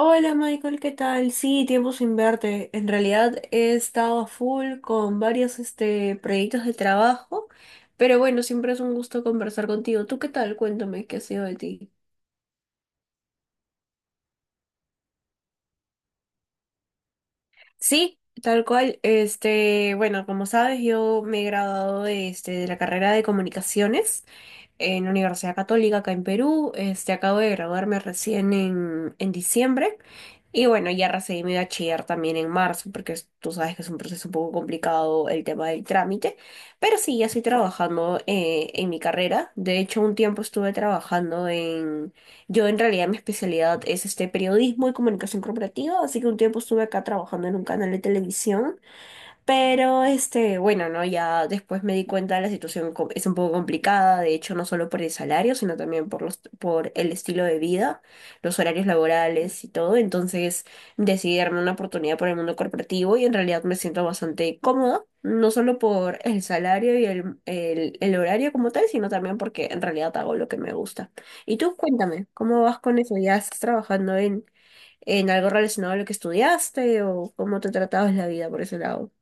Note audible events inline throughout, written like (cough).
Hola Michael, ¿qué tal? Sí, tiempo sin verte. En realidad he estado a full con varios proyectos de trabajo, pero bueno, siempre es un gusto conversar contigo. ¿Tú qué tal? Cuéntame, ¿qué ha sido de ti? Sí, tal cual, bueno, como sabes, yo me he graduado de la carrera de comunicaciones en la Universidad Católica acá en Perú. Acabo de graduarme recién en diciembre. Y bueno, ya recibí mi bachiller también en marzo, porque tú sabes que es un proceso un poco complicado el tema del trámite, pero sí, ya estoy trabajando en mi carrera. De hecho, un tiempo estuve trabajando. Yo en realidad mi especialidad es periodismo y comunicación corporativa, así que un tiempo estuve acá trabajando en un canal de televisión. Pero bueno, ¿no? Ya después me di cuenta de la situación, es un poco complicada. De hecho, no solo por el salario, sino también por el estilo de vida, los horarios laborales y todo. Entonces decidí darme una oportunidad por el mundo corporativo y en realidad me siento bastante cómoda, no solo por el salario y el horario como tal, sino también porque en realidad hago lo que me gusta. Y tú, cuéntame, ¿cómo vas con eso? ¿Ya estás trabajando en algo relacionado a lo que estudiaste o cómo te tratabas la vida por ese lado?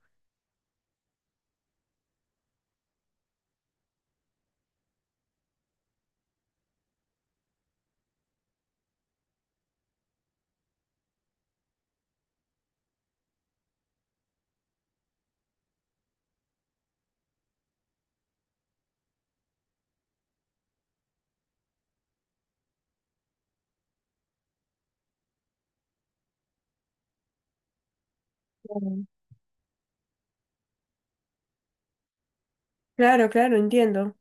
Mm. Claro, claro, entiendo.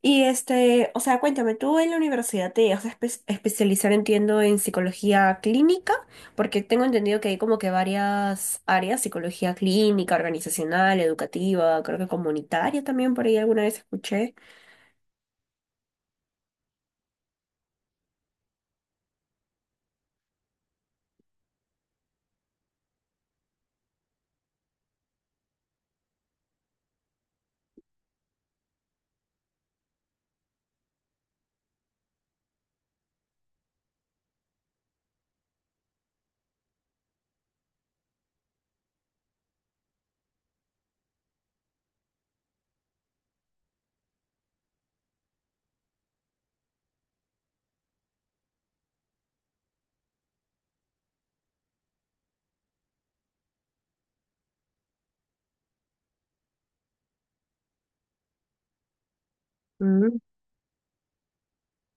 Y o sea, cuéntame, tú en la universidad te vas a especializar, entiendo, en psicología clínica, porque tengo entendido que hay como que varias áreas: psicología clínica, organizacional, educativa, creo que comunitaria también, por ahí alguna vez escuché. Mm,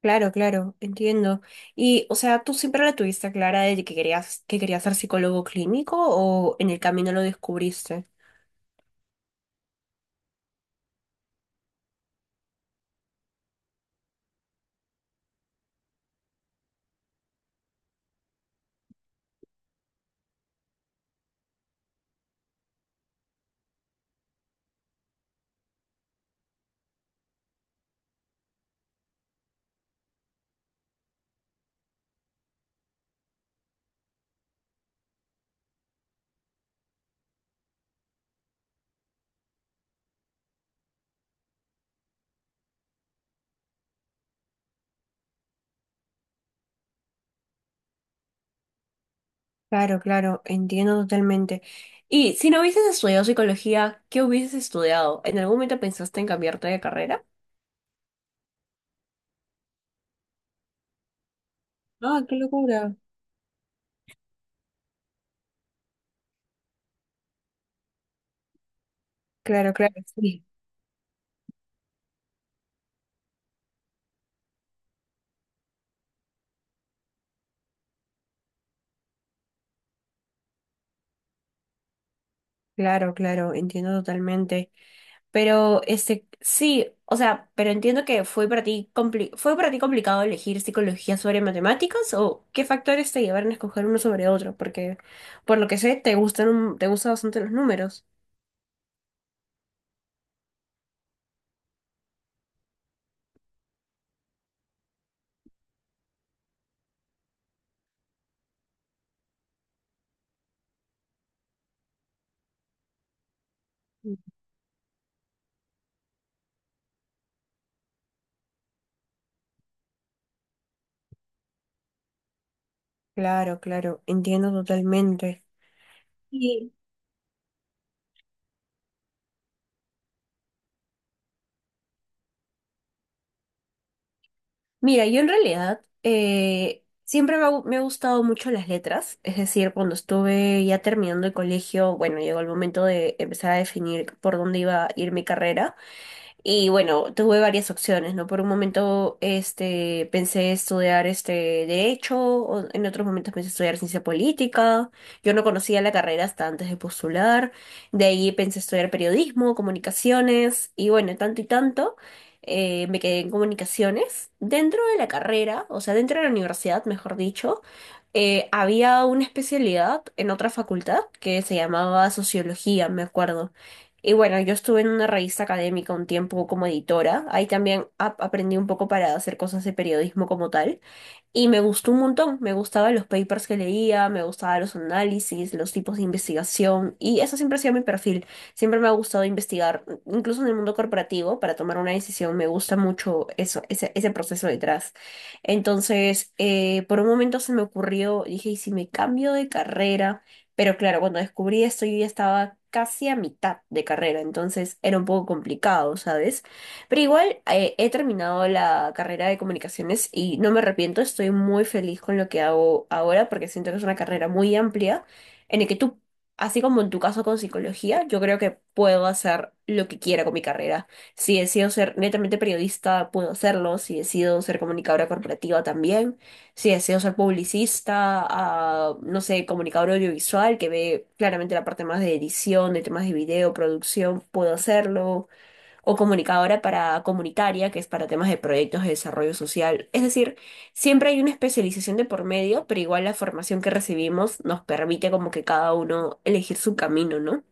claro, claro, entiendo. Y, o sea, ¿tú siempre la tuviste clara de que querías ser psicólogo clínico o en el camino lo descubriste? Claro, claro, entiendo totalmente. Y si no hubieses estudiado psicología, ¿qué hubieses estudiado? ¿En algún momento pensaste en cambiarte de carrera? Ah, qué locura. Claro, claro, sí. Claro, claro, entiendo totalmente. Pero sí, o sea, pero entiendo que fue para ti fue para ti complicado elegir psicología sobre matemáticas o qué factores te llevaron a escoger uno sobre otro, porque por lo que sé te gustan bastante los números. Claro, claro, entiendo totalmente. Mira, yo en realidad siempre me ha gustado mucho las letras. Es decir, cuando estuve ya terminando el colegio, bueno, llegó el momento de empezar a definir por dónde iba a ir mi carrera. Y bueno, tuve varias opciones, ¿no? Por un momento pensé estudiar derecho, o en otros momentos pensé estudiar ciencia política. Yo no conocía la carrera hasta antes de postular. De ahí pensé estudiar periodismo, comunicaciones y bueno, tanto y tanto. Me quedé en comunicaciones. Dentro de la carrera, o sea, dentro de la universidad, mejor dicho, había una especialidad en otra facultad que se llamaba sociología, me acuerdo. Y bueno, yo estuve en una revista académica un tiempo como editora. Ahí también aprendí un poco para hacer cosas de periodismo como tal. Y me gustó un montón, me gustaban los papers que leía, me gustaban los análisis, los tipos de investigación, y eso siempre ha sido mi perfil. Siempre me ha gustado investigar, incluso en el mundo corporativo, para tomar una decisión, me gusta mucho eso, ese proceso detrás. Entonces, por un momento se me ocurrió, dije, ¿y si me cambio de carrera? Pero claro, cuando descubrí esto, yo ya estaba casi a mitad de carrera, entonces era un poco complicado, ¿sabes? Pero igual he terminado la carrera de comunicaciones y no me arrepiento. Estoy muy feliz con lo que hago ahora porque siento que es una carrera muy amplia en el que tú, así como en tu caso con psicología, yo creo que puedo hacer lo que quiera con mi carrera. Si decido ser netamente periodista, puedo hacerlo. Si decido ser comunicadora corporativa también. Si deseo ser publicista, ah, no sé, comunicador audiovisual, que ve claramente la parte más de edición, de temas de video, producción, puedo hacerlo, o comunicadora para comunitaria, que es para temas de proyectos de desarrollo social. Es decir, siempre hay una especialización de por medio, pero igual la formación que recibimos nos permite como que cada uno elegir su camino, ¿no?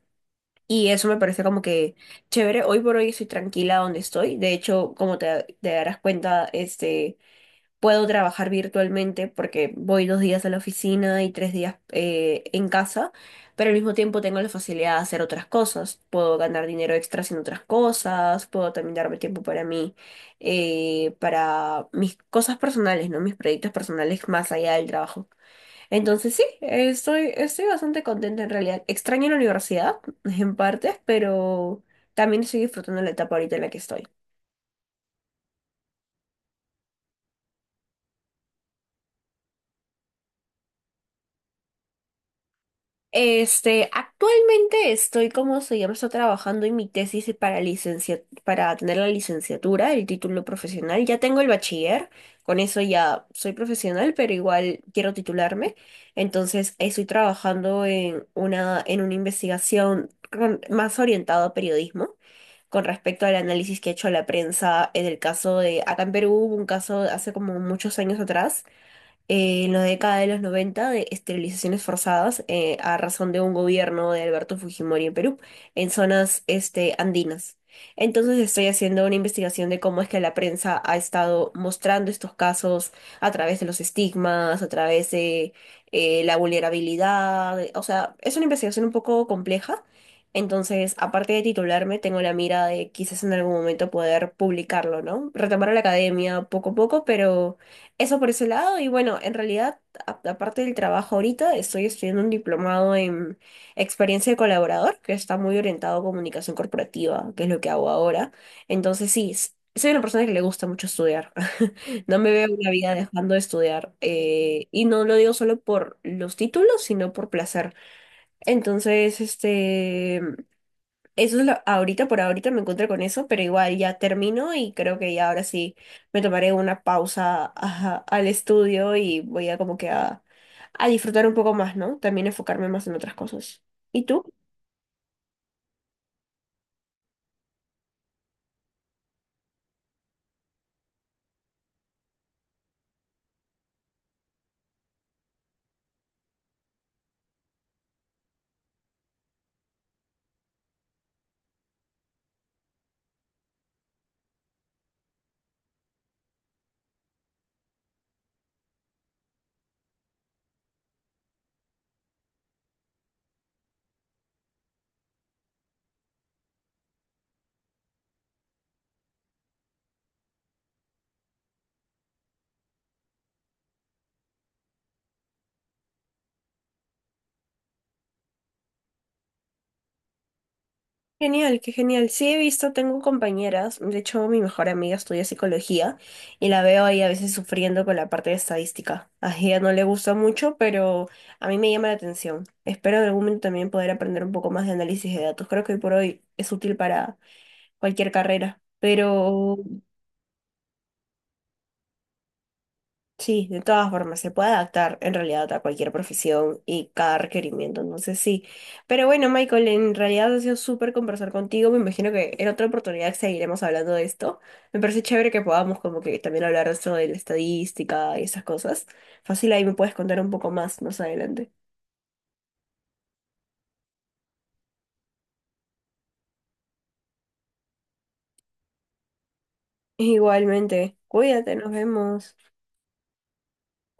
Y eso me parece como que chévere. Hoy por hoy estoy tranquila donde estoy. De hecho, como te darás cuenta, puedo trabajar virtualmente porque voy 2 días a la oficina y 3 días en casa, pero al mismo tiempo tengo la facilidad de hacer otras cosas. Puedo ganar dinero extra haciendo otras cosas, puedo también darme tiempo para mí, para mis cosas personales, ¿no? Mis proyectos personales más allá del trabajo. Entonces sí, estoy bastante contenta en realidad. Extraño la universidad (laughs) en partes, pero también estoy disfrutando la etapa ahorita en la que estoy. Actualmente estoy, como se llama, estoy trabajando en mi tesis y para licencia, para tener la licenciatura, el título profesional. Ya tengo el bachiller, con eso ya soy profesional, pero igual quiero titularme. Entonces, estoy trabajando en una investigación, más orientada a periodismo con respecto al análisis que ha hecho la prensa en el caso de, acá en Perú hubo un caso hace como muchos años atrás, en la década de los noventa, de esterilizaciones forzadas, a razón de un gobierno de Alberto Fujimori en Perú, en zonas andinas. Entonces estoy haciendo una investigación de cómo es que la prensa ha estado mostrando estos casos a través de los estigmas, a través de la vulnerabilidad. O sea, es una investigación un poco compleja. Entonces, aparte de titularme, tengo la mira de quizás en algún momento poder publicarlo, ¿no? Retomar a la academia poco a poco, pero eso por ese lado. Y bueno, en realidad, aparte del trabajo ahorita, estoy estudiando un diplomado en experiencia de colaborador, que está muy orientado a comunicación corporativa, que es lo que hago ahora. Entonces, sí, soy una persona que le gusta mucho estudiar. (laughs) No me veo una vida dejando de estudiar. Y no lo digo solo por los títulos, sino por placer. Entonces. Eso es lo, ahorita por ahorita me encuentro con eso, pero igual ya termino y creo que ya ahora sí me tomaré una pausa, ajá, al estudio y voy a como que a disfrutar un poco más, ¿no? También enfocarme más en otras cosas. ¿Y tú? Genial, qué genial. Sí, he visto, tengo compañeras, de hecho mi mejor amiga estudia psicología y la veo ahí a veces sufriendo con la parte de estadística. A ella no le gusta mucho, pero a mí me llama la atención. Espero en algún momento también poder aprender un poco más de análisis de datos. Creo que hoy por hoy es útil para cualquier carrera. Pero sí, de todas formas, se puede adaptar en realidad a cualquier profesión y cada requerimiento, entonces sí. Pero bueno, Michael, en realidad ha sido súper conversar contigo. Me imagino que en otra oportunidad seguiremos hablando de esto. Me parece chévere que podamos como que también hablar de esto de la estadística y esas cosas. Fácil, ahí me puedes contar un poco más, más adelante. (laughs) Igualmente, cuídate, nos vemos.